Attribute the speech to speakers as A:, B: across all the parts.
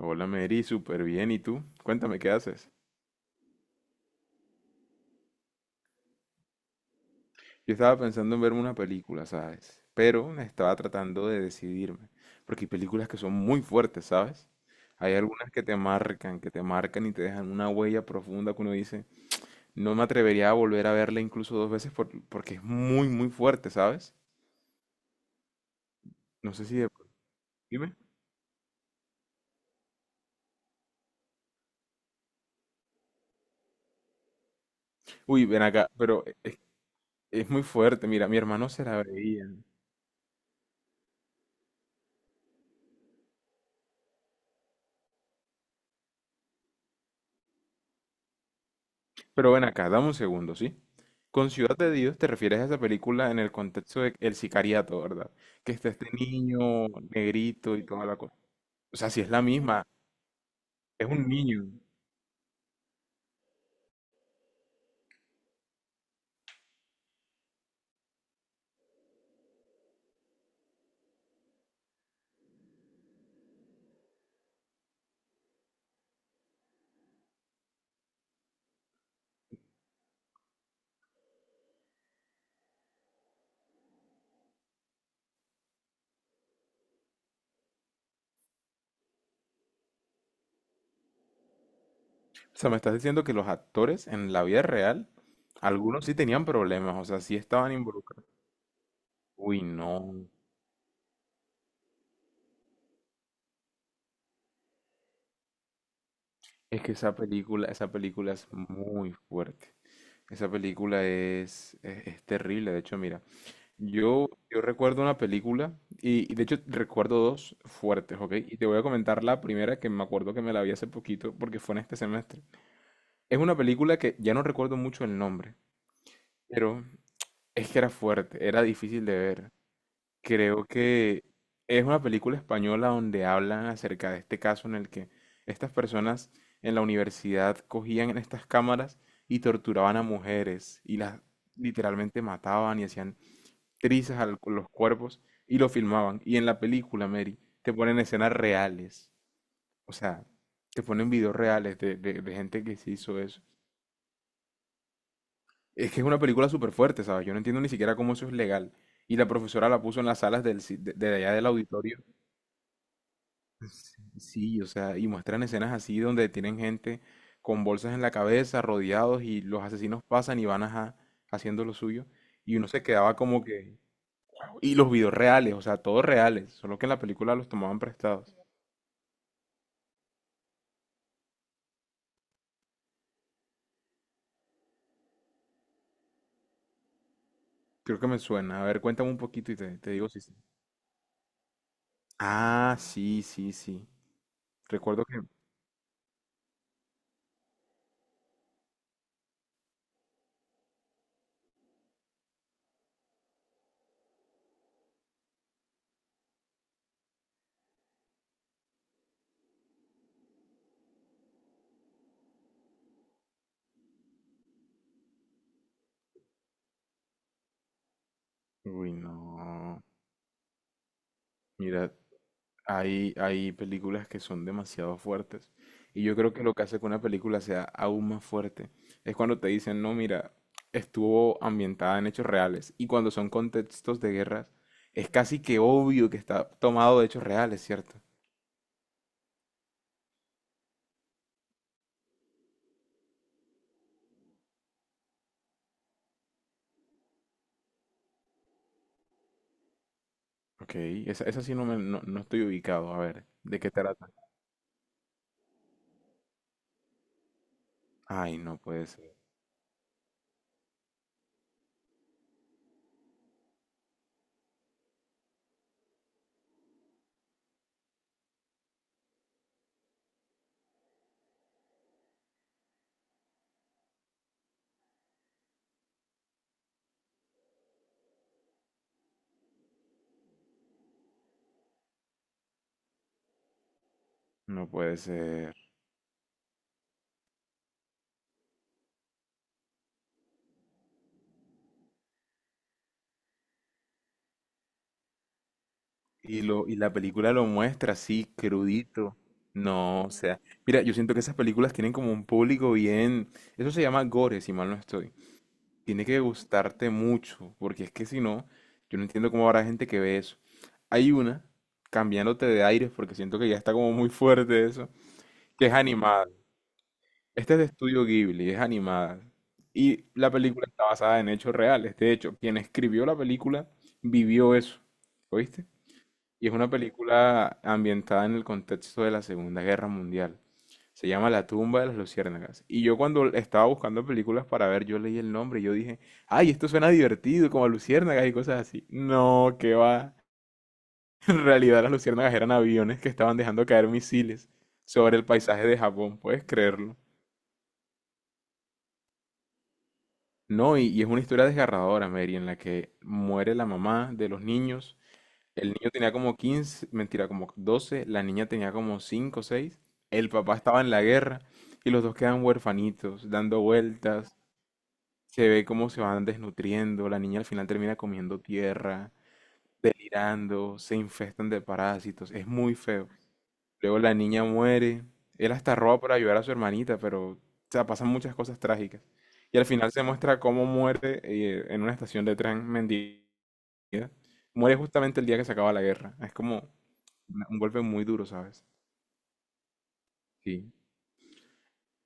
A: Hola Mary, súper bien. ¿Y tú? Cuéntame, ¿qué haces? Yo estaba pensando en verme una película, ¿sabes? Pero estaba tratando de decidirme, porque hay películas que son muy fuertes, ¿sabes? Hay algunas que te marcan y te dejan una huella profunda que uno dice, no me atrevería a volver a verla incluso dos veces porque es muy, muy fuerte, ¿sabes? No sé si de... Dime. Uy, ven acá, es muy fuerte. Mira, mi hermano se la veía. Pero ven acá, dame un segundo, ¿sí? Con Ciudad de Dios te refieres a esa película en el contexto de el sicariato, ¿verdad? Que está este niño negrito y toda la cosa. O sea, si es la misma, es un niño. O sea, me estás diciendo que los actores en la vida real, algunos sí tenían problemas, o sea, sí estaban involucrados. Uy, no. Es que esa película es muy fuerte. Esa película es terrible. De hecho, mira, yo recuerdo una película, y de hecho recuerdo dos fuertes, ¿ok? Y te voy a comentar la primera que me acuerdo que me la vi hace poquito, porque fue en este semestre. Es una película que ya no recuerdo mucho el nombre, pero es que era fuerte, era difícil de ver. Creo que es una película española donde hablan acerca de este caso en el que estas personas en la universidad cogían en estas cámaras y torturaban a mujeres y las literalmente mataban y hacían trizas a los cuerpos y lo filmaban. Y en la película, Mary, te ponen escenas reales. O sea, te ponen videos reales de gente que se hizo eso. Es que es una película súper fuerte, ¿sabes? Yo no entiendo ni siquiera cómo eso es legal. Y la profesora la puso en las salas de allá del auditorio. Sí, o sea, y muestran escenas así donde tienen gente con bolsas en la cabeza, rodeados, y los asesinos pasan y van ajá, haciendo lo suyo. Y uno se quedaba como que... Y los videos reales, o sea, todos reales, solo que en la película los tomaban prestados. Creo que me suena. A ver, cuéntame un poquito y te digo si sí. Ah, sí, sí, sí. Recuerdo que... Uy, no. Mira, hay películas que son demasiado fuertes. Y yo creo que lo que hace que una película sea aún más fuerte es cuando te dicen, no, mira, estuvo ambientada en hechos reales. Y cuando son contextos de guerras, es casi que obvio que está tomado de hechos reales, ¿cierto? Ok, esa sí no, no, no estoy ubicado. A ver, ¿de qué trata? Ay, no puede ser. No puede ser. Y la película lo muestra así, crudito. No, o sea, mira, yo siento que esas películas tienen como un público bien... Eso se llama gore, si mal no estoy. Tiene que gustarte mucho, porque es que si no, yo no entiendo cómo habrá gente que ve eso. Hay una, cambiándote de aires, porque siento que ya está como muy fuerte eso, que es animada. Este es de Estudio Ghibli, es animada. Y la película está basada en hechos reales. De hecho, quien escribió la película vivió eso. ¿Oíste? Y es una película ambientada en el contexto de la Segunda Guerra Mundial. Se llama La tumba de las luciérnagas. Y yo cuando estaba buscando películas para ver, yo leí el nombre y yo dije, ay, esto suena divertido, como a luciérnagas y cosas así. No, que va. En realidad las luciérnagas eran aviones que estaban dejando caer misiles sobre el paisaje de Japón, puedes creerlo. No, y es una historia desgarradora, Mary, en la que muere la mamá de los niños. El niño tenía como quince, mentira, como doce, la niña tenía como 5 o seis, el papá estaba en la guerra y los dos quedan huerfanitos, dando vueltas, se ve cómo se van desnutriendo, la niña al final termina comiendo tierra, tirando, se infestan de parásitos, es muy feo. Luego la niña muere, él hasta roba para ayudar a su hermanita, pero o sea, pasan muchas cosas trágicas. Y al final se muestra cómo muere en una estación de tren mendiga, muere justamente el día que se acaba la guerra, es como un golpe muy duro, ¿sabes? Sí.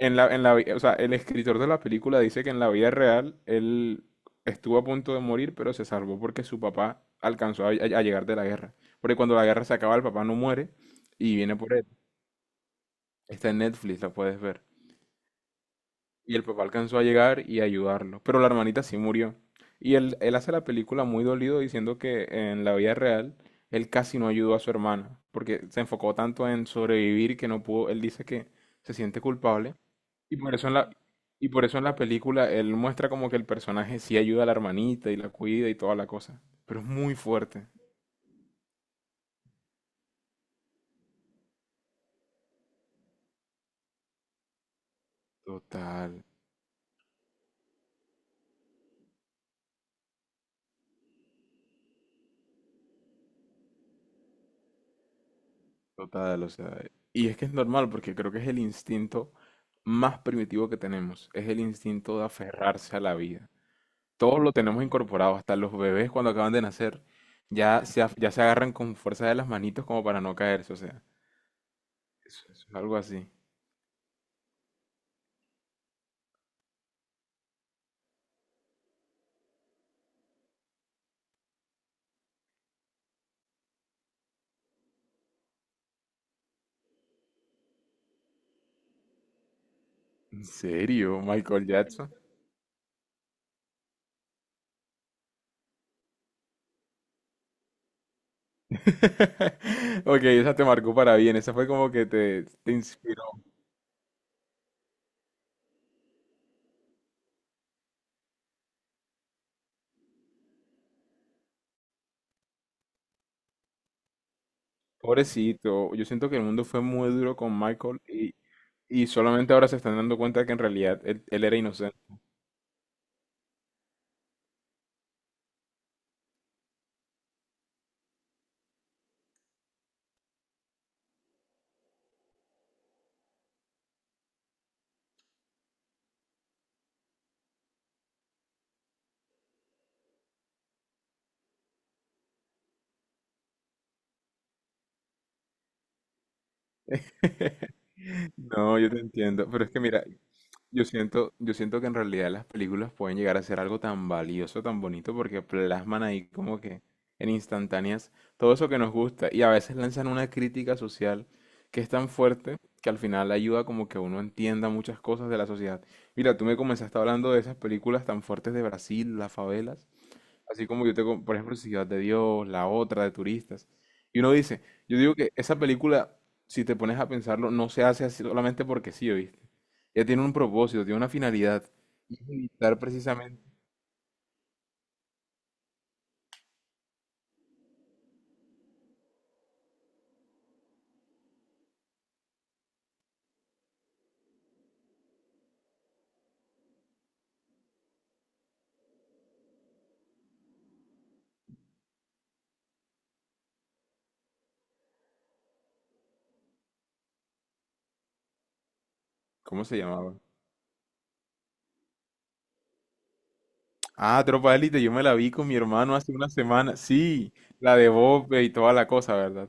A: O sea, el escritor de la película dice que en la vida real él estuvo a punto de morir, pero se salvó porque su papá alcanzó a llegar de la guerra. Porque cuando la guerra se acaba, el papá no muere y viene por él. Está en Netflix, la puedes ver. Y el papá alcanzó a llegar y a ayudarlo, pero la hermanita sí murió. Él hace la película muy dolido diciendo que en la vida real él casi no ayudó a su hermana, porque se enfocó tanto en sobrevivir que no pudo, él dice que se siente culpable. Y por eso en la, y por eso en la película él muestra como que el personaje sí ayuda a la hermanita y la cuida y toda la cosa. Pero es muy fuerte. Total, total, o sea. Y es que es normal porque creo que es el instinto más primitivo que tenemos. Es el instinto de aferrarse a la vida. Todos lo tenemos incorporado, hasta los bebés cuando acaban de nacer ya se agarran con fuerza de las manitos como para no caerse, o sea. Eso es algo así. ¿En serio, Michael Jackson? Ok, esa te marcó para bien, esa fue como que te inspiró. Pobrecito, yo siento que el mundo fue muy duro con Michael y solamente ahora se están dando cuenta que en realidad él, él era inocente. No, yo te entiendo, pero es que mira, yo siento que en realidad las películas pueden llegar a ser algo tan valioso, tan bonito, porque plasman ahí como que en instantáneas todo eso que nos gusta y a veces lanzan una crítica social que es tan fuerte que al final ayuda como que uno entienda muchas cosas de la sociedad. Mira, tú me comenzaste hablando de esas películas tan fuertes de Brasil, las favelas, así como yo tengo, por ejemplo, Ciudad de Dios, la otra de turistas. Y uno dice, yo digo que esa película, si te pones a pensarlo, no se hace así solamente porque sí, ¿oíste? Ella tiene un propósito, tiene una finalidad. Y es evitar precisamente, ¿cómo se llamaba? Ah, Tropa de Élite, yo me la vi con mi hermano hace una semana. Sí, la de Bob y toda la cosa, ¿verdad?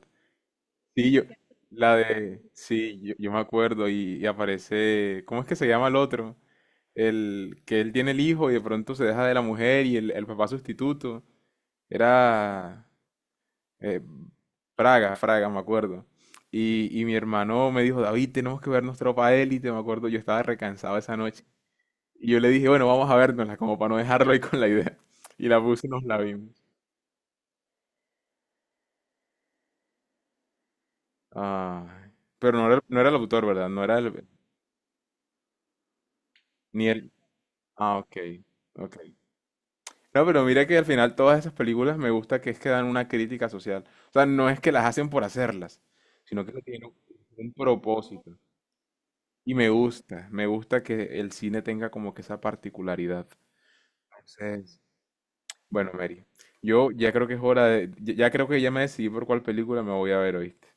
A: Sí, yo, la de, sí, yo me acuerdo y aparece, ¿cómo es que se llama el otro? El que él tiene el hijo y de pronto se deja de la mujer y el papá sustituto era eh, Fraga, me acuerdo. Y mi hermano me dijo, David, tenemos que vernos Tropa Élite, me acuerdo, yo estaba recansado esa noche. Y yo le dije, bueno, vamos a vernosla, como para no dejarlo ahí con la idea. Y la puse y nos la vimos. Ah, pero no era, no era el autor, ¿verdad? No era el... Ni el... Ah, ok, ok. No, pero mira que al final todas esas películas me gusta que es que dan una crítica social. O sea, no es que las hacen por hacerlas, sino que tienen un propósito. Y me gusta que el cine tenga como que esa particularidad. Entonces, bueno, Mary, yo ya creo que es hora de, ya ya creo que ya me decidí por cuál película me voy a ver, ¿oíste?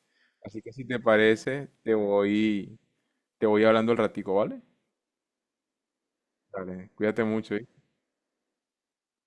A: Así que si te parece, te voy hablando el ratico, ¿vale? Dale, cuídate mucho, ¿eh?